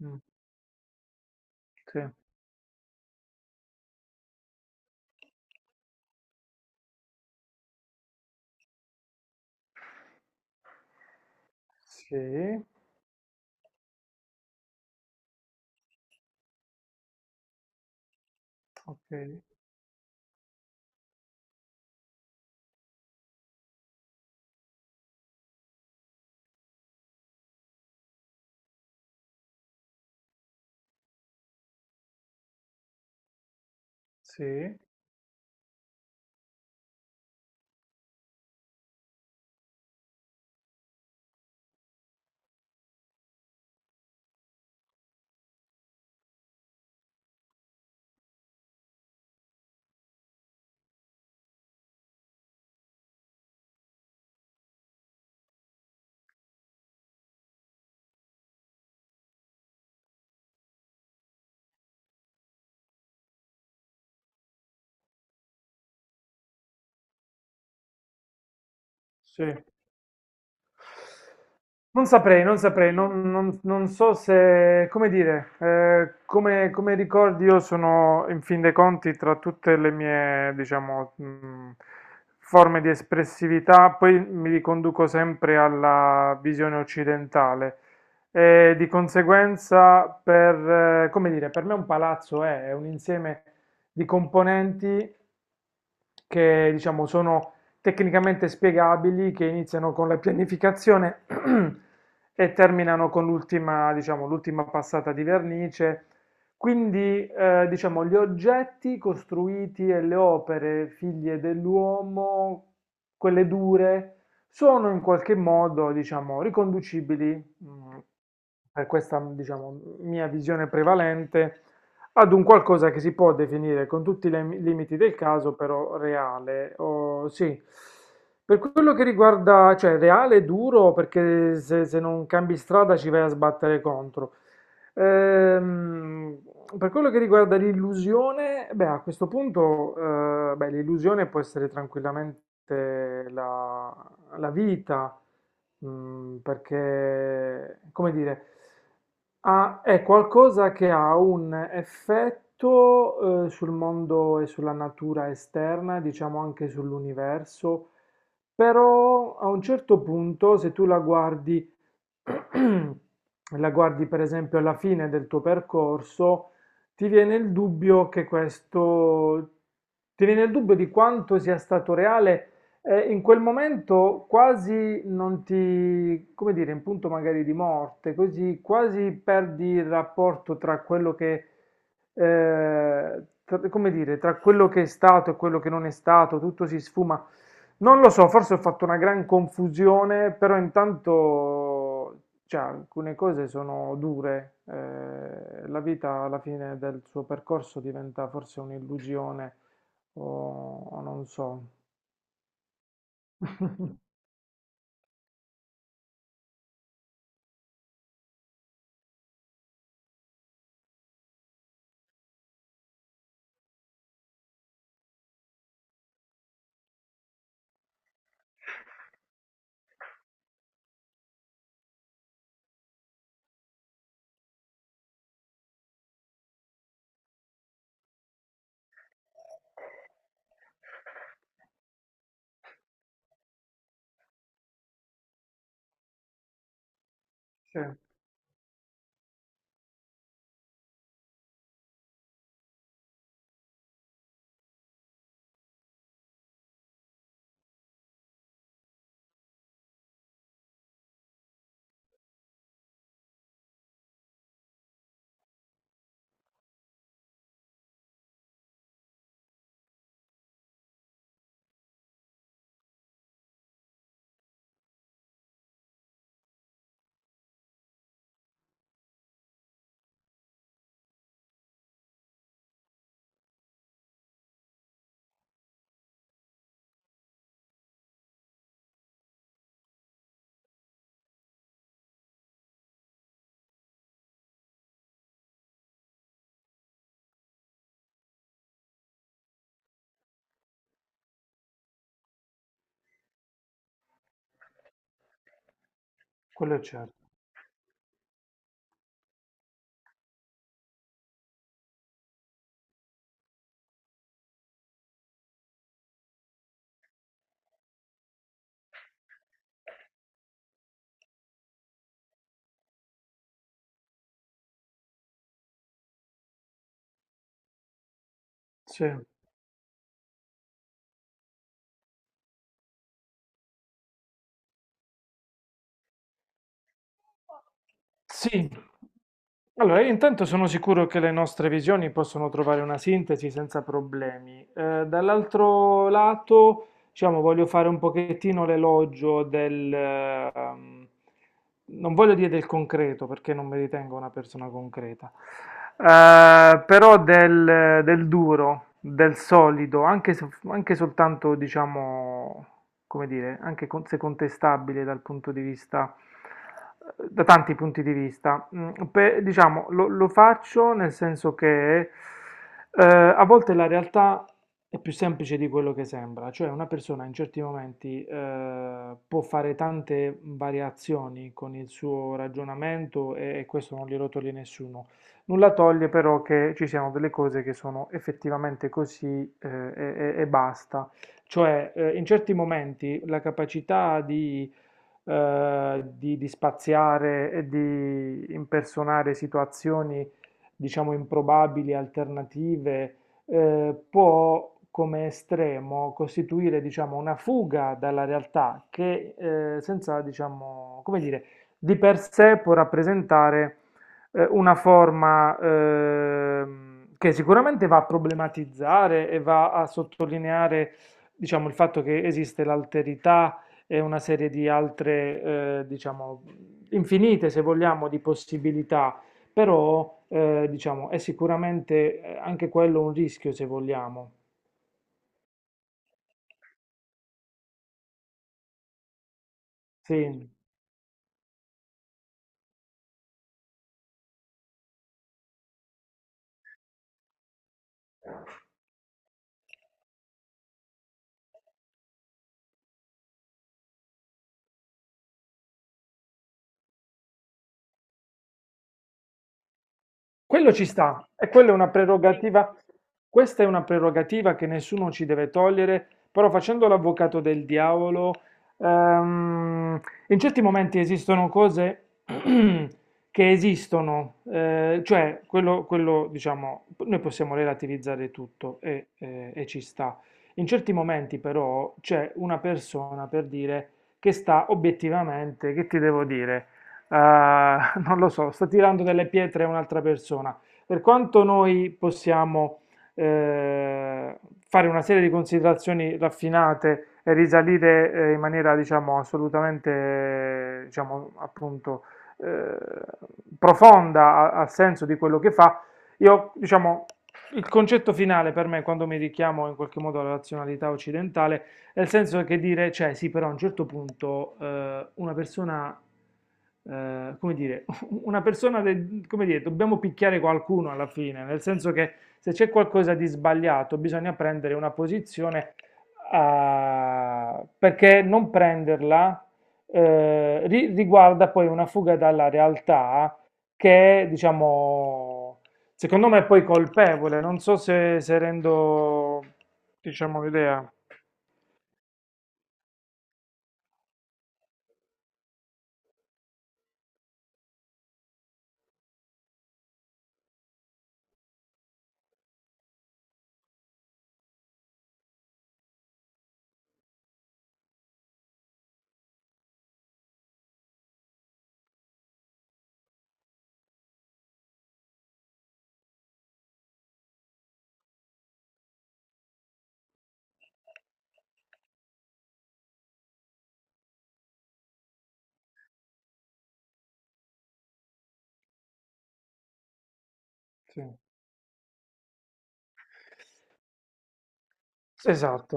Mh, sì, sì, okay, sì, sì. Non saprei, non saprei, non so se come dire, come ricordi io sono in fin dei conti tra tutte le mie, diciamo, forme di espressività, poi mi riconduco sempre alla visione occidentale e di conseguenza per come dire, per me un palazzo è un insieme di componenti che diciamo sono tecnicamente spiegabili, che iniziano con la pianificazione e terminano con l'ultima, diciamo, l'ultima passata di vernice. Quindi, diciamo, gli oggetti costruiti e le opere figlie dell'uomo, quelle dure, sono in qualche modo, diciamo, riconducibili, per questa, diciamo, mia visione prevalente, ad un qualcosa che si può definire con tutti i limiti del caso, però reale. Sì. Per quello che riguarda, cioè reale è duro perché se non cambi strada ci vai a sbattere contro. Ehm, per quello che riguarda l'illusione, beh, a questo punto, l'illusione può essere tranquillamente la, la vita, perché, come dire, è qualcosa che ha un effetto, sul mondo e sulla natura esterna, diciamo anche sull'universo, però a un certo punto, se tu la guardi, la guardi per esempio alla fine del tuo percorso, ti viene il dubbio che questo, ti viene il dubbio di quanto sia stato reale e in quel momento quasi non ti, come dire, in punto magari di morte, così quasi perdi il rapporto tra quello che, come dire, tra quello che è stato e quello che non è stato, tutto si sfuma. Non lo so, forse ho fatto una gran confusione, però intanto, cioè, alcune cose sono dure. La vita alla fine del suo percorso diventa forse un'illusione o non so. Sì, quello è certo. Sì. Sì. Allora, io intanto sono sicuro che le nostre visioni possono trovare una sintesi senza problemi. Dall'altro lato, diciamo, voglio fare un pochettino l'elogio del, non voglio dire del concreto perché non mi ritengo una persona concreta, però del, del duro, del solido, anche, anche soltanto, diciamo, come dire, anche se contestabile dal punto di vista, da tanti punti di vista. Diciamo, lo faccio nel senso che a volte la realtà è più semplice di quello che sembra, cioè una persona in certi momenti può fare tante variazioni con il suo ragionamento e questo non glielo toglie nessuno. Nulla toglie però che ci siano delle cose che sono effettivamente così e basta. Cioè in certi momenti la capacità di spaziare e di impersonare situazioni, diciamo, improbabili, alternative può come estremo costituire, diciamo, una fuga dalla realtà che senza, diciamo, come dire, di per sé può rappresentare una forma che sicuramente va a problematizzare e va a sottolineare, diciamo, il fatto che esiste l'alterità e una serie di altre, diciamo, infinite, se vogliamo, di possibilità però, diciamo, è sicuramente anche quello un rischio, se vogliamo. Sì, quello ci sta, e quella è una prerogativa, questa è una prerogativa che nessuno ci deve togliere, però facendo l'avvocato del diavolo, ehm, in certi momenti esistono cose che esistono, cioè quello, diciamo, noi possiamo relativizzare tutto e ci sta. In certi momenti però c'è una persona per dire che sta obiettivamente, che ti devo dire? Eh, non lo so, sta tirando delle pietre a un'altra persona. Per quanto noi possiamo eh, fare una serie di considerazioni raffinate e risalire in maniera, diciamo, assolutamente, diciamo, appunto, eh, profonda al senso di quello che fa, io, diciamo, il concetto finale per me, quando mi richiamo in qualche modo alla razionalità occidentale, nel senso che dire, cioè sì, però a un certo punto una persona, come dire, una persona, come dire, dobbiamo picchiare qualcuno alla fine, nel senso che se c'è qualcosa di sbagliato bisogna prendere una posizione, ah, perché non prenderla riguarda poi una fuga dalla realtà che è, diciamo, secondo me è poi colpevole, non so se, se rendo, diciamo, l'idea. Sì. Esatto,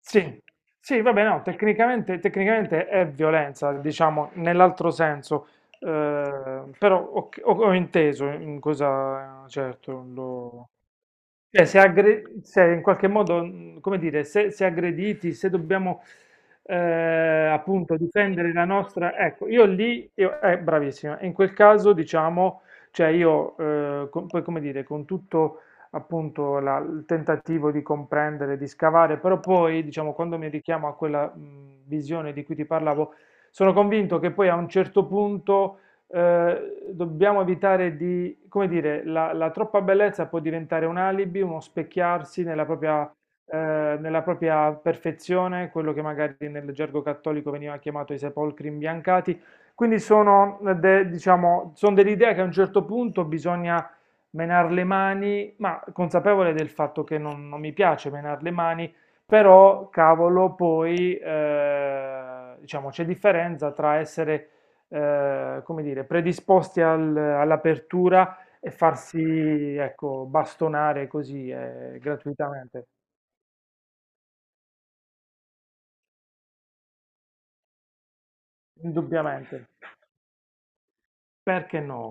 sì, sì, vabbè, no, tecnicamente, tecnicamente è violenza, diciamo, nell'altro senso, però ho, ho inteso in cosa, certo, lo, cioè, se, se in qualche modo, come dire, se aggrediti, se dobbiamo eh, appunto difendere la nostra, ecco, io lì, io, bravissima, in quel caso diciamo, cioè io, poi come dire, con tutto appunto il tentativo di comprendere, di scavare, però poi diciamo, quando mi richiamo a quella visione di cui ti parlavo, sono convinto che poi a un certo punto dobbiamo evitare di, come dire, la troppa bellezza può diventare un alibi, uno specchiarsi nella eh, propria perfezione, quello che magari nel gergo cattolico veniva chiamato i sepolcri imbiancati. Quindi sono, diciamo, sono dell'idea che a un certo punto bisogna menare le mani, ma consapevole del fatto che non mi piace menare le mani, però, cavolo, poi, diciamo, c'è differenza tra essere come dire, predisposti all'apertura e farsi, ecco, bastonare così gratuitamente. Indubbiamente. Perché no?